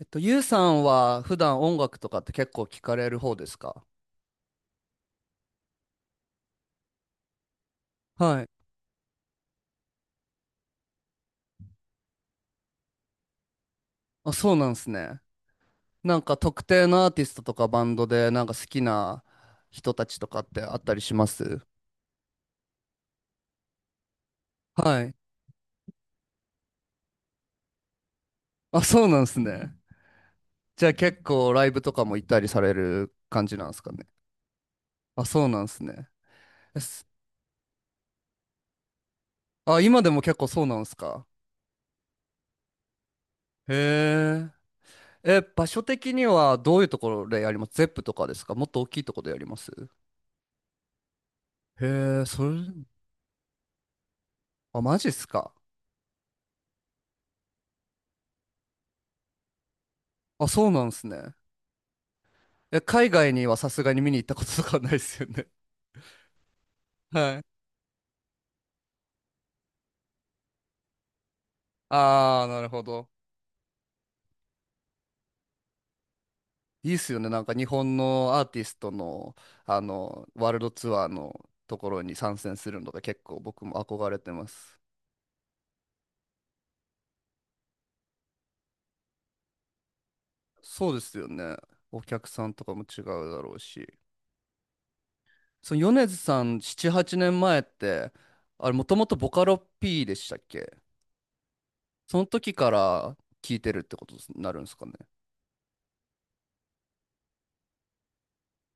ゆうさんは普段音楽とかって結構聞かれる方ですか？はい。あ、そうなんですね。なんか特定のアーティストとかバンドでなんか好きな人たちとかってあったりします？はい。あ、そうなんですね。じゃあ結構ライブとかも行ったりされる感じなんですかね。あ、そうなんですね。えすあ、今でも結構そうなんですか？へえ。え、場所的にはどういうところでやります？ゼップとかですか？もっと大きいところでやります？へえ、あ、マジっすか。あ、そうなんですね。え、海外にはさすがに見に行ったこととかはないですよね。はい。ああ、なるほど。いいっすよね。なんか日本のアーティストの、ワールドツアーのところに参戦するのが結構僕も憧れてます。そうですよね。お客さんとかも違うだろうし。その米津さん7、8年前って、あれもともとボカロ P でしたっけ？その時から聞いてるってことになるんですかね。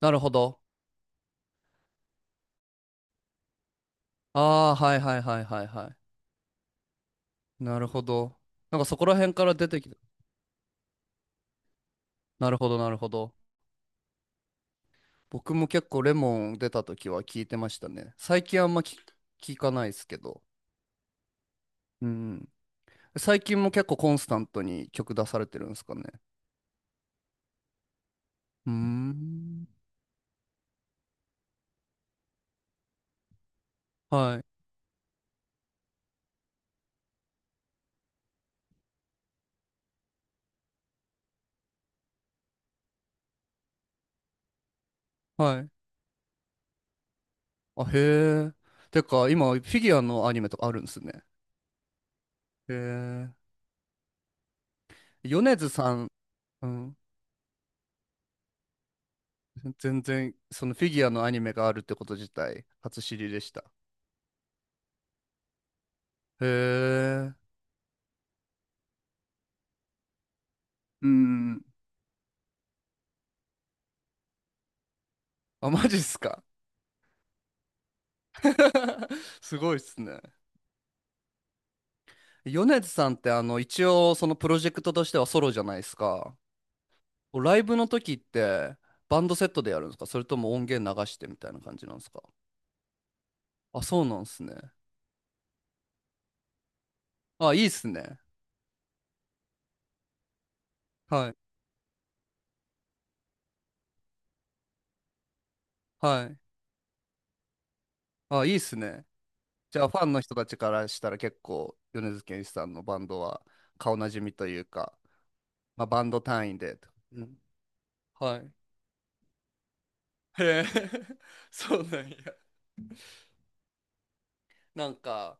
なるほど。ああ、はいはいはいはいはい。なるほど。なんかそこら辺から出てきた。なるほど、なるほど。僕も結構レモン出た時は聞いてましたね。最近あんま聞かないですけど。うん。最近も結構コンスタントに曲出されてるんですかね。うーん。はい。はい。あ、へえ。てか、今、フィギュアのアニメとかあるんですね。へえ。米津さん、うん。全然、そのフィギュアのアニメがあるってこと自体、初知りでした。へえ。うん。あ、マジっすか。すごいっすね。米津さんって一応そのプロジェクトとしてはソロじゃないですか。ライブの時ってバンドセットでやるんですか？それとも音源流してみたいな感じなんですか？あ、そうなんですね。あ、いいっすね。はい。はい。あ、いいっすね。じゃあファンの人たちからしたら結構米津玄師さんのバンドは顔なじみというか、まあ、バンド単位でと。うん、はい。へえ、そうなんや。なんか、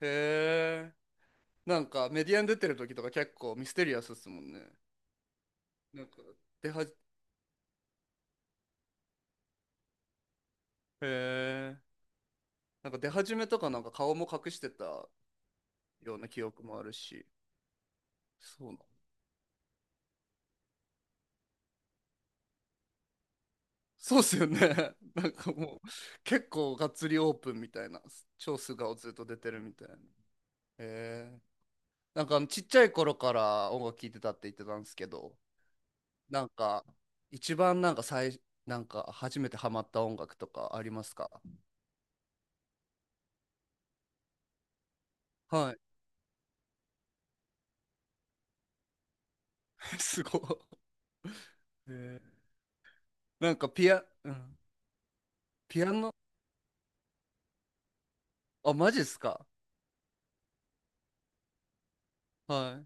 へえ。なんかメディアに出てる時とか結構ミステリアスですもんね。なんかへえ。なんか出始めとかなんか顔も隠してたような記憶もあるし。そうな。そうっすよね。なんかもう結構がっつりオープンみたいな、超素顔ずっと出てるみたいな。へえ。なんかちっちゃい頃から音楽聴いてたって言ってたんですけど、なんか一番なんかなんか初めてハマった音楽とかありますか？はい。すごい。へえ。なんかうん、ピアノ、あ、マジっすか？は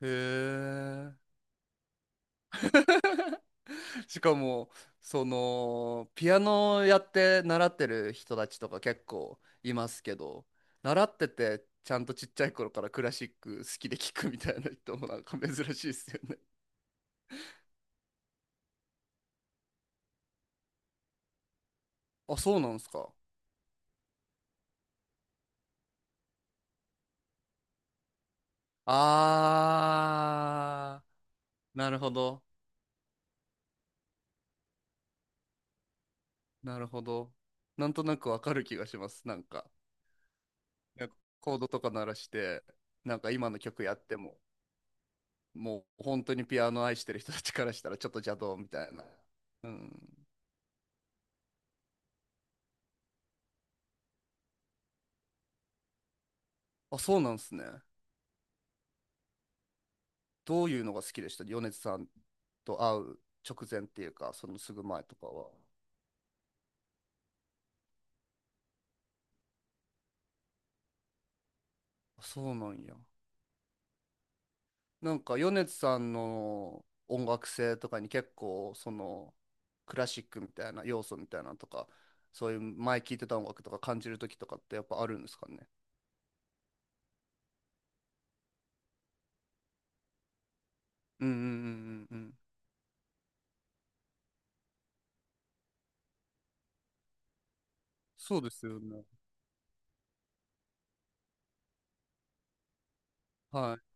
い。へえ。しかも、ピアノやって習ってる人たちとか結構いますけど、習ってて、ちゃんとちっちゃい頃からクラシック好きで聴くみたいな人もなんか珍しいですよね。あ、そうなんですか。あー、なるほど。なるほど。なんとなくわかる気がします。なんかコードとか鳴らして、なんか今の曲やっても。もう本当にピアノ愛してる人たちからしたらちょっと邪道みたいな。うん。あ、そうなんですね。どういうのが好きでした米津さんと会う直前っていうか、そのすぐ前とかは。あそうなんや。なんか米津さんの音楽性とかに結構そのクラシックみたいな要素みたいなのとか、そういう前聴いてた音楽とか感じる時とかってやっぱあるんですかね。うんうんうんうんうん。そうですよね。はい。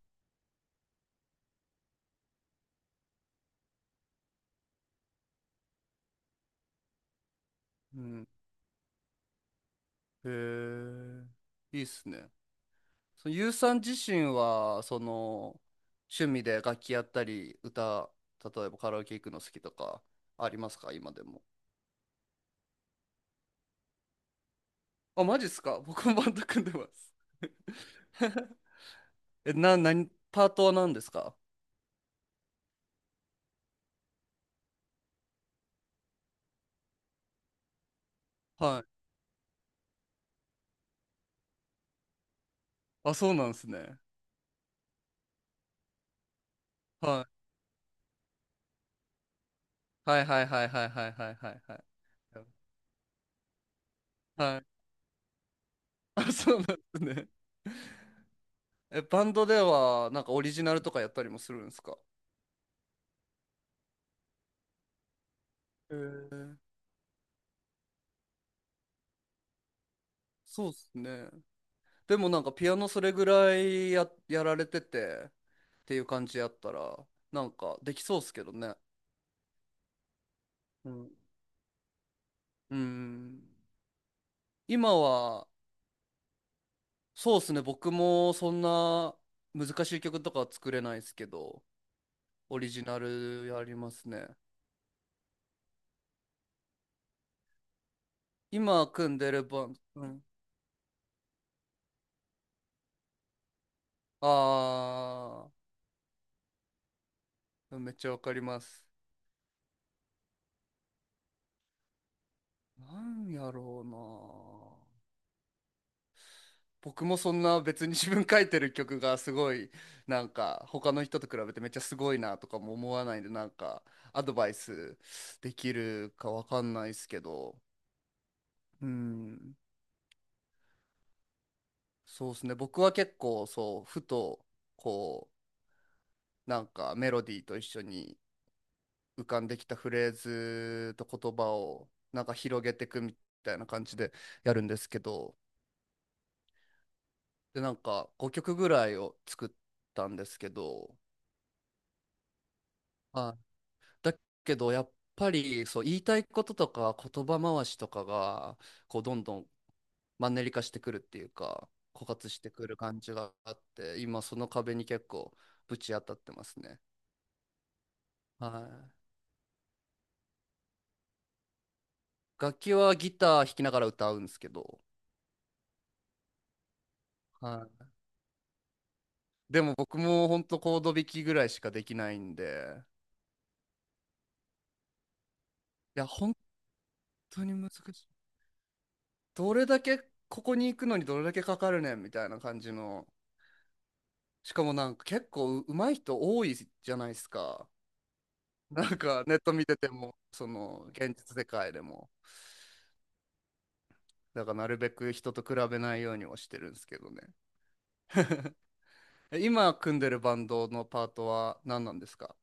うん。へえ。いいっすね。そのゆうさん自身はその趣味で楽器やったり歌、例えばカラオケ行くの好きとかありますか、今でも？あ、マジっすか？ 僕もバンド組んでます。 何パートは何ですか？はい。あ、そうなんですね。はいはいはいはいはいはいはいはいはいはい。あ、そうなんですね。 え、バンドではなんかオリジナルとかやったりもするんですか？へえ。そうっすね。でもなんかピアノそれぐらいやられててっていう感じやったらなんかできそうっすけどね。うん。うん。今は。そうっすね、僕もそんな難しい曲とかは作れないですけど、オリジナルやりますね。今組んでるバン。うん。あーめっちゃわかります。なんやろうな。僕もそんな別に自分書いてる曲がすごい、なんか他の人と比べてめっちゃすごいなとかも思わないんで、なんかアドバイスできるかわかんないですけど。うん。そうですね、僕は結構そう、ふと、こうなんかメロディーと一緒に浮かんできたフレーズと言葉をなんか広げていくみたいな感じでやるんですけど、で、なんか5曲ぐらいを作ったんですけど。はい。だけどやっぱりそう、言いたいこととか言葉回しとかがこうどんどんマンネリ化してくるっていうか、枯渇してくる感じがあって、今その壁に結構ぶち当たってますね。はい、楽器はギター弾きながら歌うんですけど、はい、でも僕も本当コード弾きぐらいしかできないんで。いや、本当に難しい。どれだけ、ここに行くのにどれだけかかるねんみたいな感じの。しかもなんか結構上手い人多いじゃないですか。なんかネット見てても、その現実世界でも、だからなるべく人と比べないようにはしてるんですけどね。え、今組んでるバンドのパートは何なんですか？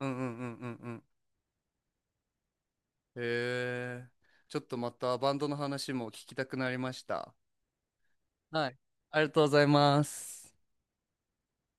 うんうんうんうんうん。へえ、ちょっとまたバンドの話も聞きたくなりました。はい、ありがとうございます。